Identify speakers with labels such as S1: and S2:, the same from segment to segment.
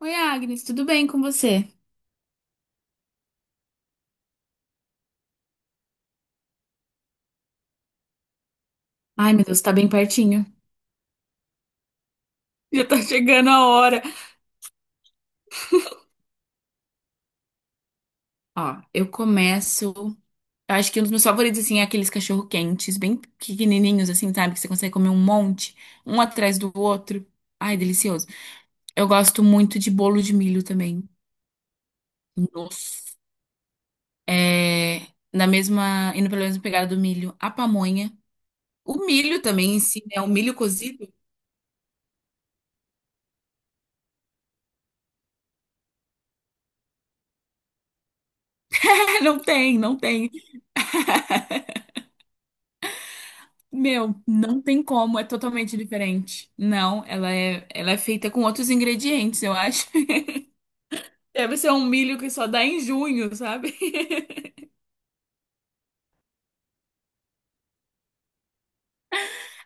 S1: Oi, Agnes, tudo bem com você? Ai, meu Deus, tá bem pertinho. Já tá chegando a hora. Ó, eu começo. Eu acho que um dos meus favoritos, assim, é aqueles cachorro-quentes, bem pequenininhos, assim, sabe? Que você consegue comer um monte, um atrás do outro. Ai, delicioso. Eu gosto muito de bolo de milho também. Nossa. É, na mesma, indo pela mesma pegada do milho, a pamonha. O milho também em si, né? O milho cozido. Não tem, não tem. Meu, não tem como, é totalmente diferente. Não, ela é feita com outros ingredientes, eu acho. Deve ser um milho que só dá em junho, sabe?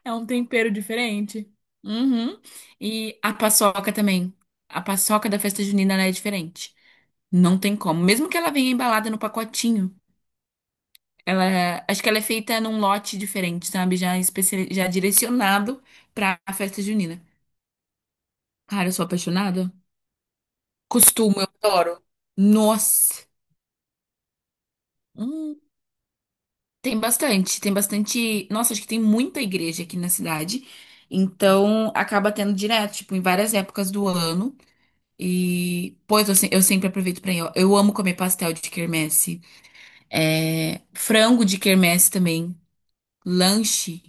S1: É um tempero diferente. Uhum. E a paçoca também. A paçoca da festa junina, ela é diferente. Não tem como. Mesmo que ela venha embalada no pacotinho, ela, acho que ela é feita num lote diferente, sabe? Já especi... já direcionado pra festa junina. Cara, eu sou apaixonada. Costumo, eu adoro. Nossa. Hum. Tem bastante, tem bastante. Nossa, acho que tem muita igreja aqui na cidade. Então, acaba tendo direto, tipo, em várias épocas do ano. E, pois, eu, eu sempre aproveito pra ir. Ó. Eu amo comer pastel de quermesse. É, frango de quermesse também. Lanche.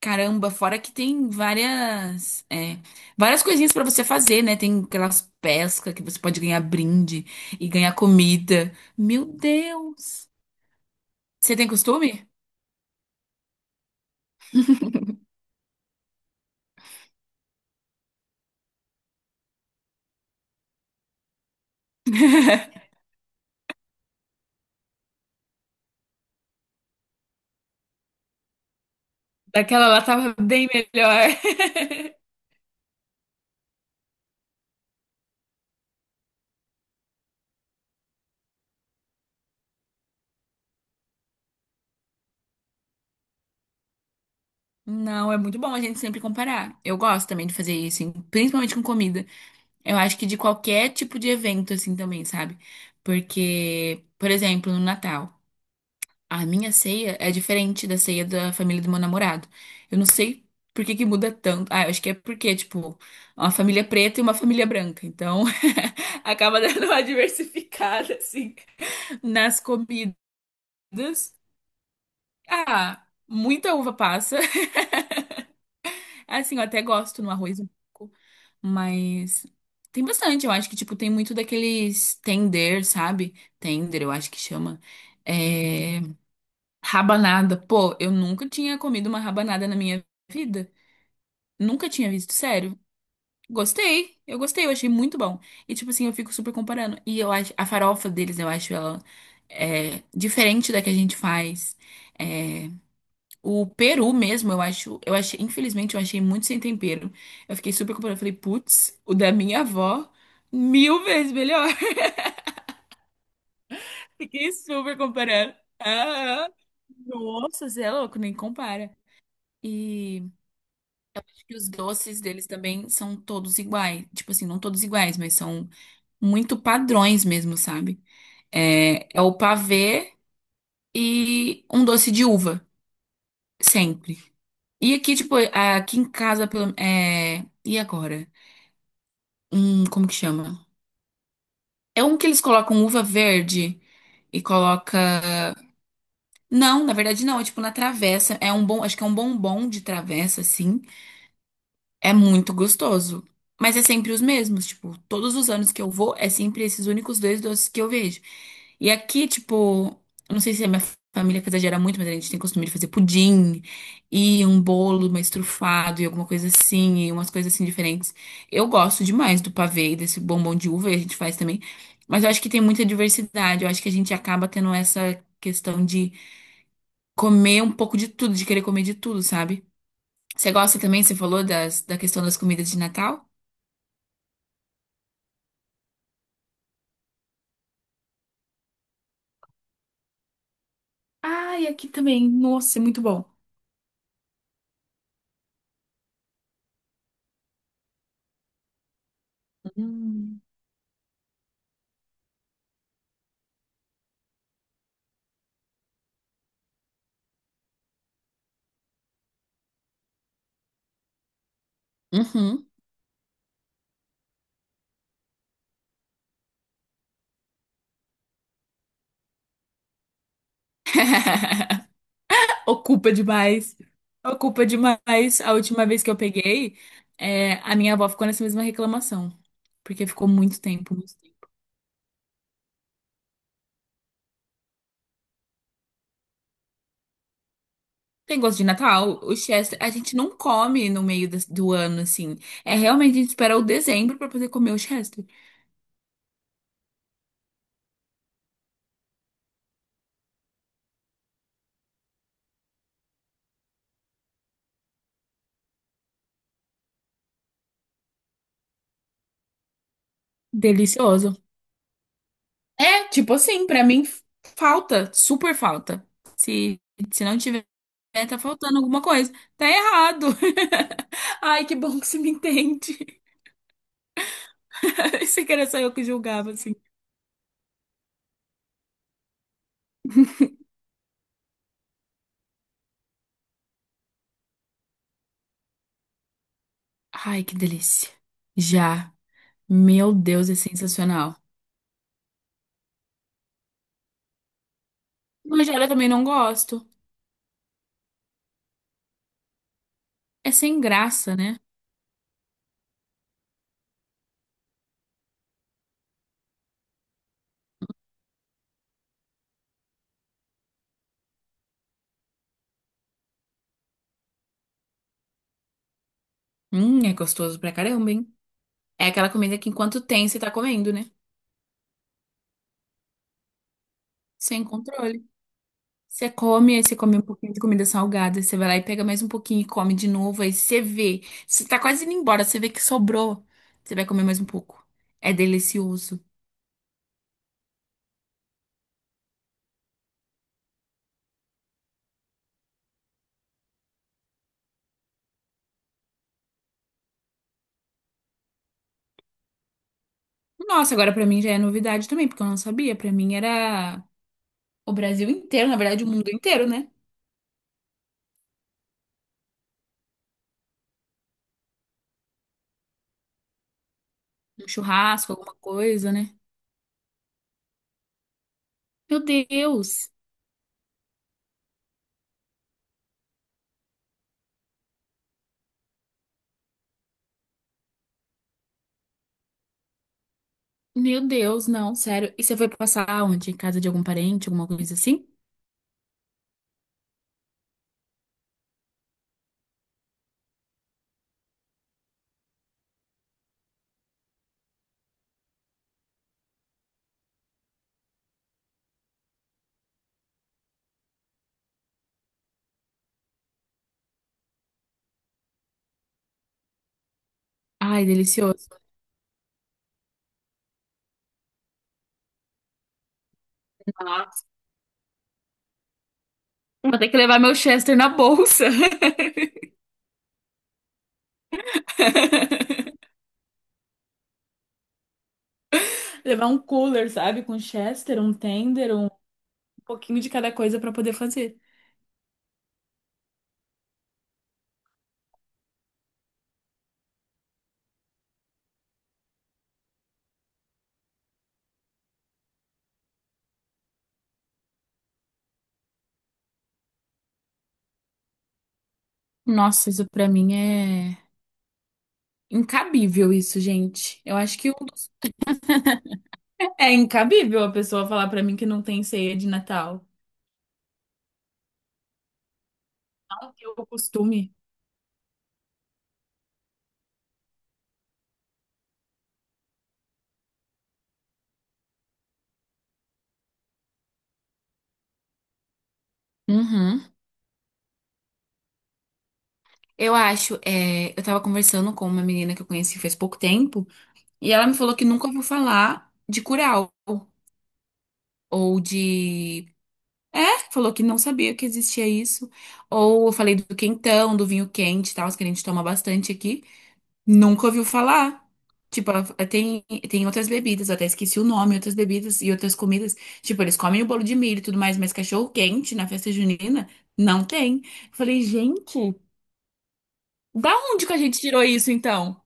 S1: Caramba, fora que tem várias, várias coisinhas pra você fazer, né? Tem aquelas pescas que você pode ganhar brinde e ganhar comida. Meu Deus! Você tem costume? Daquela lá tava bem melhor. Não, é muito bom a gente sempre comparar. Eu gosto também de fazer isso, principalmente com comida. Eu acho que de qualquer tipo de evento, assim, também, sabe? Porque, por exemplo, no Natal, a minha ceia é diferente da ceia da família do meu namorado. Eu não sei por que que muda tanto. Ah, eu acho que é porque, tipo, uma família preta e uma família branca. Então, acaba dando uma diversificada, assim, nas comidas. Ah, muita uva passa. Assim, eu até gosto no arroz um pouco, mas tem bastante. Eu acho que, tipo, tem muito daqueles tender, sabe? Tender, eu acho que chama. É, rabanada. Pô, eu nunca tinha comido uma rabanada na minha vida. Nunca tinha visto, sério. Gostei, eu achei muito bom. E, tipo assim, eu fico super comparando. E eu acho, a farofa deles, eu acho ela diferente da que a gente faz. É, o peru mesmo, eu acho, eu achei, infelizmente, eu achei muito sem tempero. Eu fiquei super comparando, eu falei, putz, o da minha avó, mil vezes melhor. Fiquei super comparando. Ah, ah. Nossa, você é louco, nem compara. E acho que os doces deles também são todos iguais. Tipo assim, não todos iguais, mas são muito padrões mesmo, sabe? É o pavê e um doce de uva, sempre. E aqui, tipo, aqui em casa, é, e agora? Como que chama? É um que eles colocam uva verde e coloca. Não, na verdade não, é tipo na travessa. É um bom, acho que é um bombom de travessa, assim. É muito gostoso. Mas é sempre os mesmos, tipo, todos os anos que eu vou, é sempre esses únicos dois doces que eu vejo. E aqui, tipo, eu não sei se a minha família que exagera muito, mas a gente tem costume de fazer pudim e um bolo mais trufado e alguma coisa assim, e umas coisas assim diferentes. Eu gosto demais do pavê e desse bombom de uva, e a gente faz também. Mas eu acho que tem muita diversidade, eu acho que a gente acaba tendo essa questão de comer um pouco de tudo, de querer comer de tudo, sabe? Você gosta também, você falou da questão das comidas de Natal? Ai, aqui também. Nossa, é muito bom. Hum. Uhum. Ocupa demais. Ocupa demais. A última vez que eu peguei, é, a minha avó ficou nessa mesma reclamação. Porque ficou muito tempo, muito tempo. Tem gosto de Natal, o Chester, a gente não come no meio do ano, assim. É realmente, a gente espera o dezembro pra poder comer o Chester. Delicioso. É, tipo assim, pra mim falta, super falta. Se, se não tiver, tá faltando alguma coisa. Tá errado. Ai, que bom que você me entende. Você que era só eu que julgava, assim. Ai, que delícia. Já. Meu Deus, é sensacional. Tigela também não gosto. É sem graça, né? É gostoso pra caramba, hein? É aquela comida que enquanto tem, você tá comendo, né? Sem controle. Você come, aí você come um pouquinho de comida salgada, você vai lá e pega mais um pouquinho e come de novo, aí você vê, você tá quase indo embora, você vê que sobrou, você vai comer mais um pouco. É delicioso. Nossa, agora pra mim já é novidade também, porque eu não sabia. Pra mim era o Brasil inteiro, na verdade o mundo inteiro, né? Um churrasco, alguma coisa, né? Meu Deus. Meu Deus, não, sério. E você foi passar onde? Em casa de algum parente, alguma coisa assim? Ai, delicioso. Nossa. Vou ter que levar meu Chester na bolsa. Levar um cooler, sabe? Com chester, um tender, um pouquinho de cada coisa pra poder fazer. Nossa, isso pra mim é incabível isso, gente. Eu acho que um dos... É incabível a pessoa falar pra mim que não tem ceia de Natal. Não que o costume. Uhum. Eu acho, é, eu tava conversando com uma menina que eu conheci faz pouco tempo, e ela me falou que nunca ouviu falar de curau ou de... É, falou que não sabia que existia isso. Ou eu falei do quentão, do vinho quente e tal, que a gente toma bastante aqui. Nunca ouviu falar. Tipo, tem, tem outras bebidas, eu até esqueci o nome, outras bebidas e outras comidas. Tipo, eles comem o bolo de milho e tudo mais, mas cachorro quente na festa junina não tem. Eu falei, gente, da onde que a gente tirou isso então?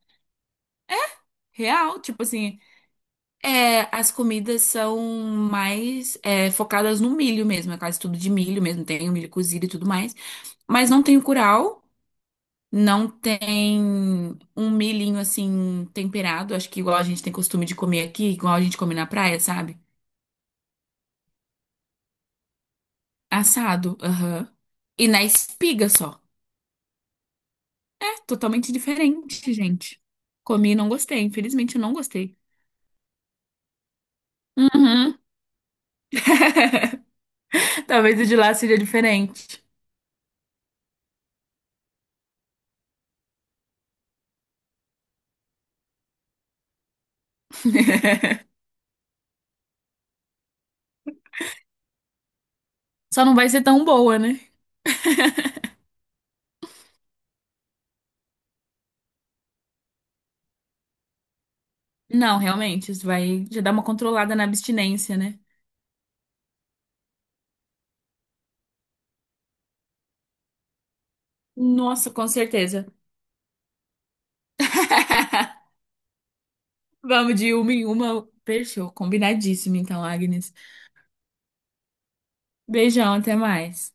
S1: Real, tipo assim. É, as comidas são mais é, focadas no milho mesmo, é quase tudo de milho mesmo, tem o milho cozido e tudo mais. Mas não tem o curau, não tem um milhinho assim temperado, acho que igual a gente tem costume de comer aqui, igual a gente come na praia, sabe? Assado, aham. E na espiga só. É, totalmente diferente, gente. Comi e não gostei, infelizmente eu não gostei. Uhum. Talvez o de lá seja diferente. Só não vai ser tão boa, né? Não, realmente, isso vai já dar uma controlada na abstinência, né? Nossa, com certeza. Vamos de uma em uma. Fechou, combinadíssimo então, Agnes. Beijão, até mais.